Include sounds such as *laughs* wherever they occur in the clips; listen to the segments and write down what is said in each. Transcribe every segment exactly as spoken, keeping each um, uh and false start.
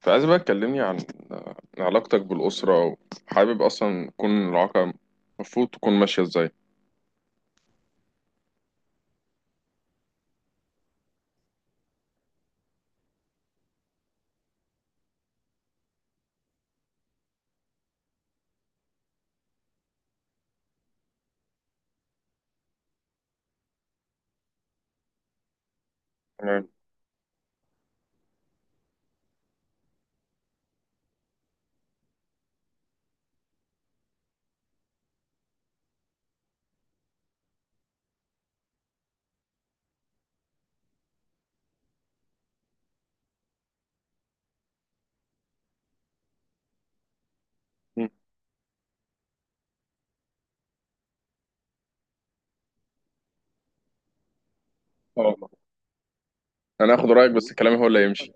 فعايز بقى تكلمني عن عن علاقتك بالأسرة، وحابب أصلا تكون العلاقة المفروض تكون ماشية إزاي؟ تمام. مم. اه، أنا هاخد رأيك بس كلامي هو اللي هيمشي.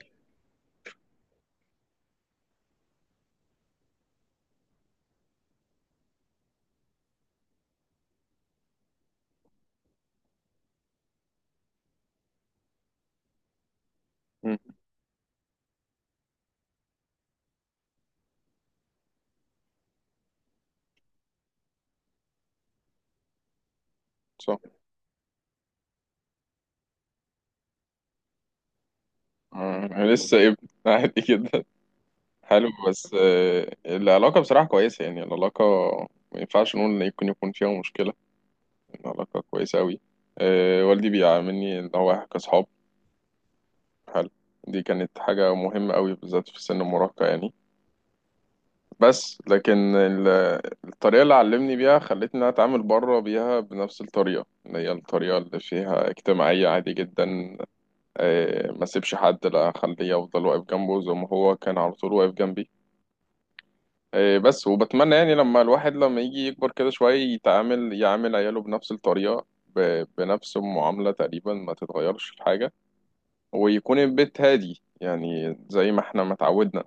مم. صح. آه، أنا لسه ابن عادي جدا. حلو. بس آه، العلاقة بصراحة كويسة، يعني العلاقة ما ينفعش نقول إن يمكن يكون فيها مشكلة. العلاقة كويسة أوي. آه، والدي بيعاملني إن هو إحنا كأصحاب. حلو. دي كانت حاجة مهمة أوي بالذات في سن المراهقة يعني. بس لكن ال- الطريقة اللي علمني بيها خلتني إن أنا أتعامل بره بيها بنفس الطريقة، اللي هي الطريقة اللي فيها اجتماعية عادي جدا. آه، ما سيبش حد لا أخليه أفضل واقف جنبه زي ما هو كان على طول واقف جنبي. آه، بس وبتمنى يعني لما الواحد لما يجي يكبر كده شوية يتعامل يعامل عياله بنفس الطريقة ب- بنفس المعاملة تقريبا، ما تتغيرش في حاجة، ويكون البيت هادي، يعني زي ما احنا ما اتعودنا.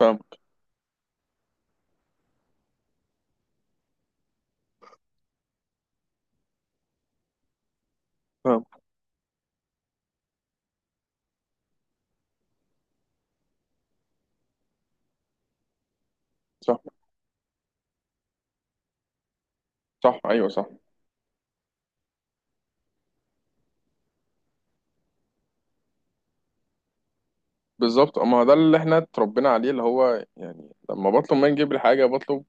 فاهم. فاهم. صح. صح، أيوه صح. بالظبط، اما ده اللي احنا اتربينا عليه، اللي هو يعني لما بطلب منك تجيب لي حاجه، بطلب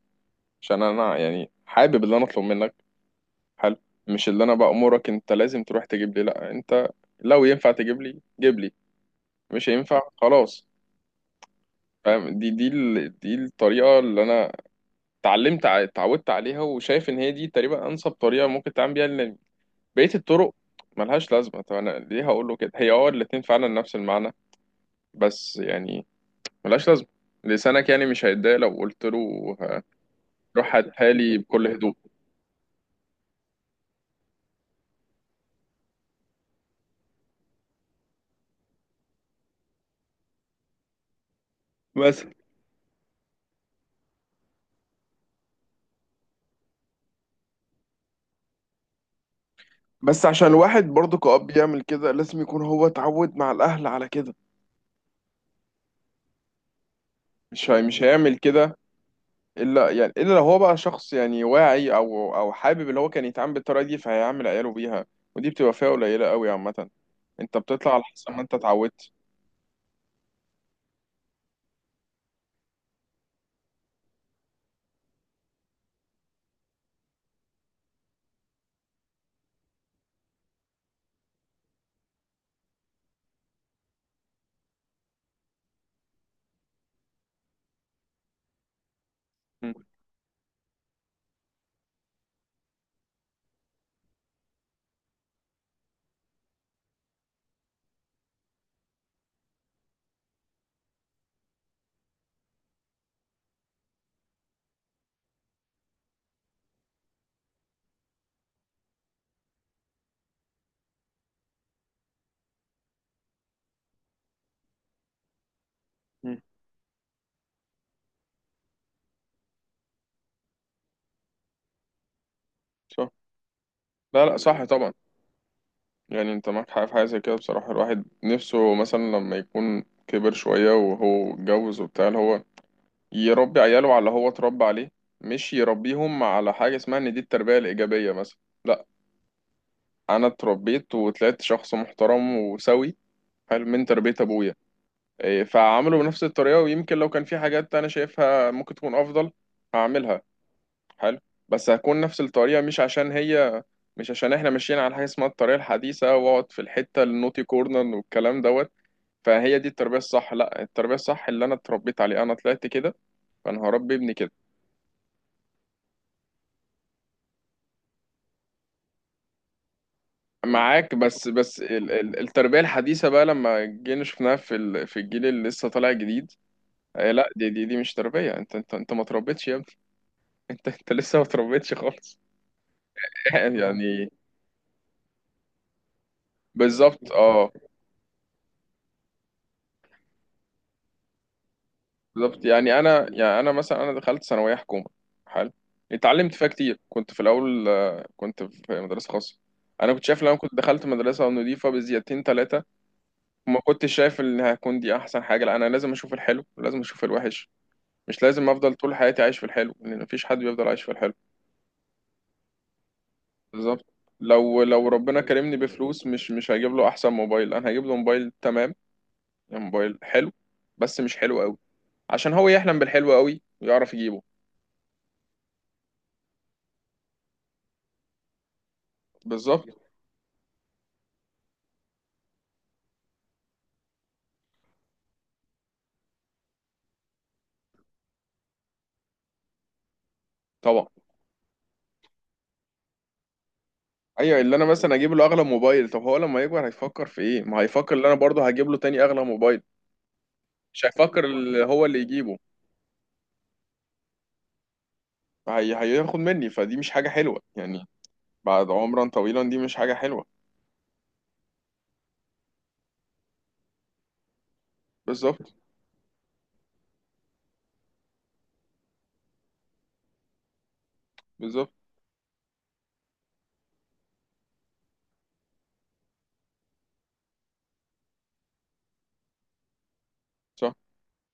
عشان انا يعني حابب اللي انا اطلب منك. حلو. مش اللي انا بأمرك انت لازم تروح تجيب لي، لا انت لو ينفع تجيب لي جيب لي، مش هينفع خلاص. فاهم. دي دي ال- دي الطريقه اللي انا اتعلمت ع- اتعودت عليها، وشايف ان هي دي تقريبا انسب طريقه ممكن تعمل بيها، لان بقيه الطرق ملهاش لازمه. طب انا ليه هقول له كده، هي اه الاتنين فعلا نفس المعنى، بس يعني ملهاش لازمة. لسانك يعني مش هيتضايق لو قلت له ه- روح هاتها لي بكل هدوء. بس بس عشان الواحد برضه كأب يعمل كده لازم يكون هو اتعود مع الأهل على كده. مش هي مش هيعمل كده إلا يعني إلا لو هو بقى شخص يعني واعي أو أو حابب اللي هو كان يتعامل بالطريقة دي، فهيعمل عياله بيها. ودي بتبقى فئة قليلة قوي عامة. أنت بتطلع على حسب ما أنت اتعودت. م- م. صح. لا لا، صح طبعا. يعني انت معاك حق في حاجة زي كده، بصراحة الواحد نفسه مثلا لما يكون كبر شوية وهو اتجوز وبتاع، اللي هو يربي عياله على اللي هو اتربى عليه، مش يربيهم على حاجة اسمها ان دي التربية الإيجابية مثلا. لا، أنا اتربيت وطلعت شخص محترم وسوي، حلو، من تربية أبويا. إيه، فعامله بنفس الطريقة، ويمكن لو كان في حاجات أنا شايفها ممكن تكون أفضل هعملها. حلو. بس هكون نفس الطريقة، مش عشان هي مش عشان احنا ماشيين على حاجة اسمها الطريقة الحديثة واقعد في الحتة النوتي كورنر والكلام دوت فهي دي التربية الصح. لا، التربية الصح اللي انا اتربيت عليه، انا طلعت كده، فانا هربي ابني كده. معاك، بس بس ال- ال- التربية الحديثة بقى لما جينا شفناها في ال- في الجيل اللي لسه طالع جديد، آه، لا دي دي دي مش تربية، انت انت انت ما تربيتش يا ابني. *laughs* انت انت لسه ما تربيتش خالص. *laughs* يعني بالظبط اه. بالظبط. يعني انا يعني انا مثلا، انا دخلت ثانوية حكومة. حلو. اتعلمت فيها كتير، كنت في الاول آه، كنت في مدرسة خاصة. انا كنت شايف لو انا كنت دخلت مدرسة نضيفة بزيادتين ثلاثة ما كنتش شايف ان هكون دي احسن حاجه. لا، انا لازم اشوف الحلو ولازم اشوف الوحش، مش لازم افضل طول حياتي عايش في الحلو، لان مفيش حد بيفضل عايش في الحلو. بالظبط. لو لو ربنا كرمني بفلوس مش مش هجيب له احسن موبايل، انا هجيب له موبايل تمام، يعني موبايل حلو بس مش حلو قوي، عشان هو يحلم بالحلو قوي ويعرف يجيبه. بالظبط. طبعا. ايوه، اللي انا مثلا اجيب له اغلى موبايل، طب هو لما يكبر هيفكر في ايه؟ ما هيفكر اللي انا برضه هجيب له تاني اغلى موبايل. مش هيفكر اللي هو اللي يجيبه. هي... هياخد مني، فدي مش حاجه حلوه يعني، بعد عمرا طويلا، دي مش حاجة حلوة. بالظبط. بالظبط. صح.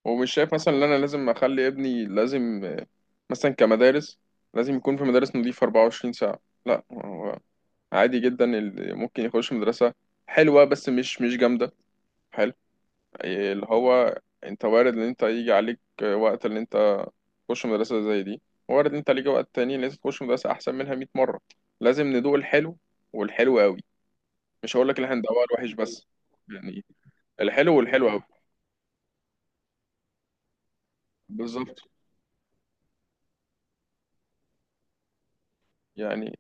ومش شايف مثلا ان انا لازم اخلي ابني لازم آه، مثلا كمدارس، لازم يكون في مدارس نظيفة أربعة وعشرين ساعة. لا، هو عادي جدا اللي ممكن يخش مدرسة حلوة بس مش مش جامدة. حلو. آه، اللي هو انت وارد ان انت يجي عليك آه، وقت اللي انت تخش مدرسة زي دي، وارد ان انت ليك وقت تاني لازم تخش مدرسة احسن منها مئة مرة. لازم ندوق الحلو والحلو قوي، مش هقول لك ان احنا ندوقها الوحش بس يعني. الحلو والحلو. بالظبط يعني.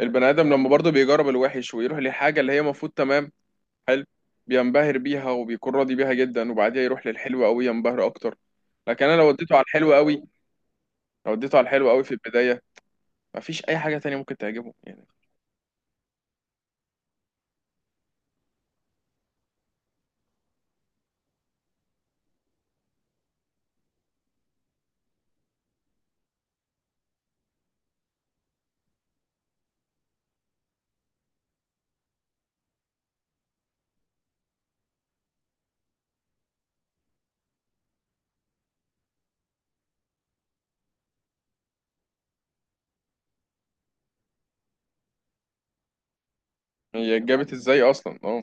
البني ادم لما برضه بيجرب الوحش ويروح لحاجه اللي هي المفروض تمام، حلو، بينبهر بيها وبيكون راضي بيها جدا، وبعديها يروح للحلو قوي ينبهر اكتر. لكن انا لو وديته على الحلو قوي، لو وديته على الحلو قوي في البدايه مفيش اي حاجه تانية ممكن تعجبه يعني. هي اتجابت ازاي اصلا؟ اه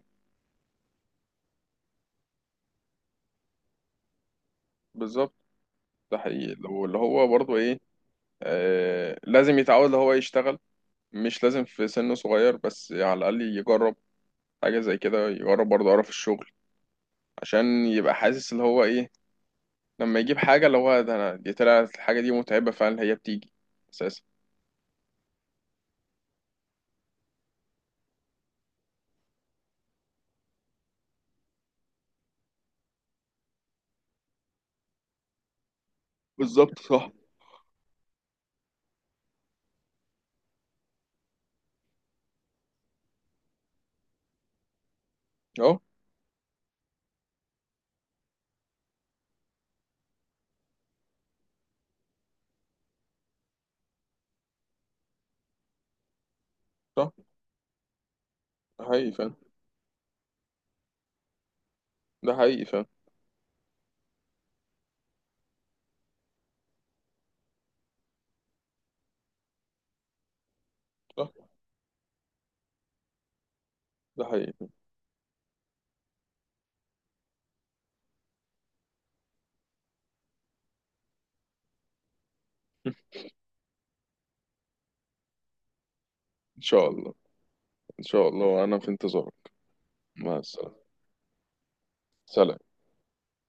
بالظبط. ده حقيقي لو اللي هو برضه ايه آه، لازم يتعود اللي هو يشتغل، مش لازم في سن صغير بس على الاقل يجرب حاجه زي كده، يجرب برضه قرف الشغل، عشان يبقى حاسس اللي هو ايه لما يجيب حاجة، اللي هو ده أنا دي طلعت الحاجة دي متعبة فعلا هي بتيجي أساسا. بالظبط. صح. أهو. صح. ده حقيقي فعلا. ده حقيقي فعلا. صح. ده حقيقي. *laughs* إن شاء الله. إن شاء الله، أنا في انتظارك. مع السلامة. سلام.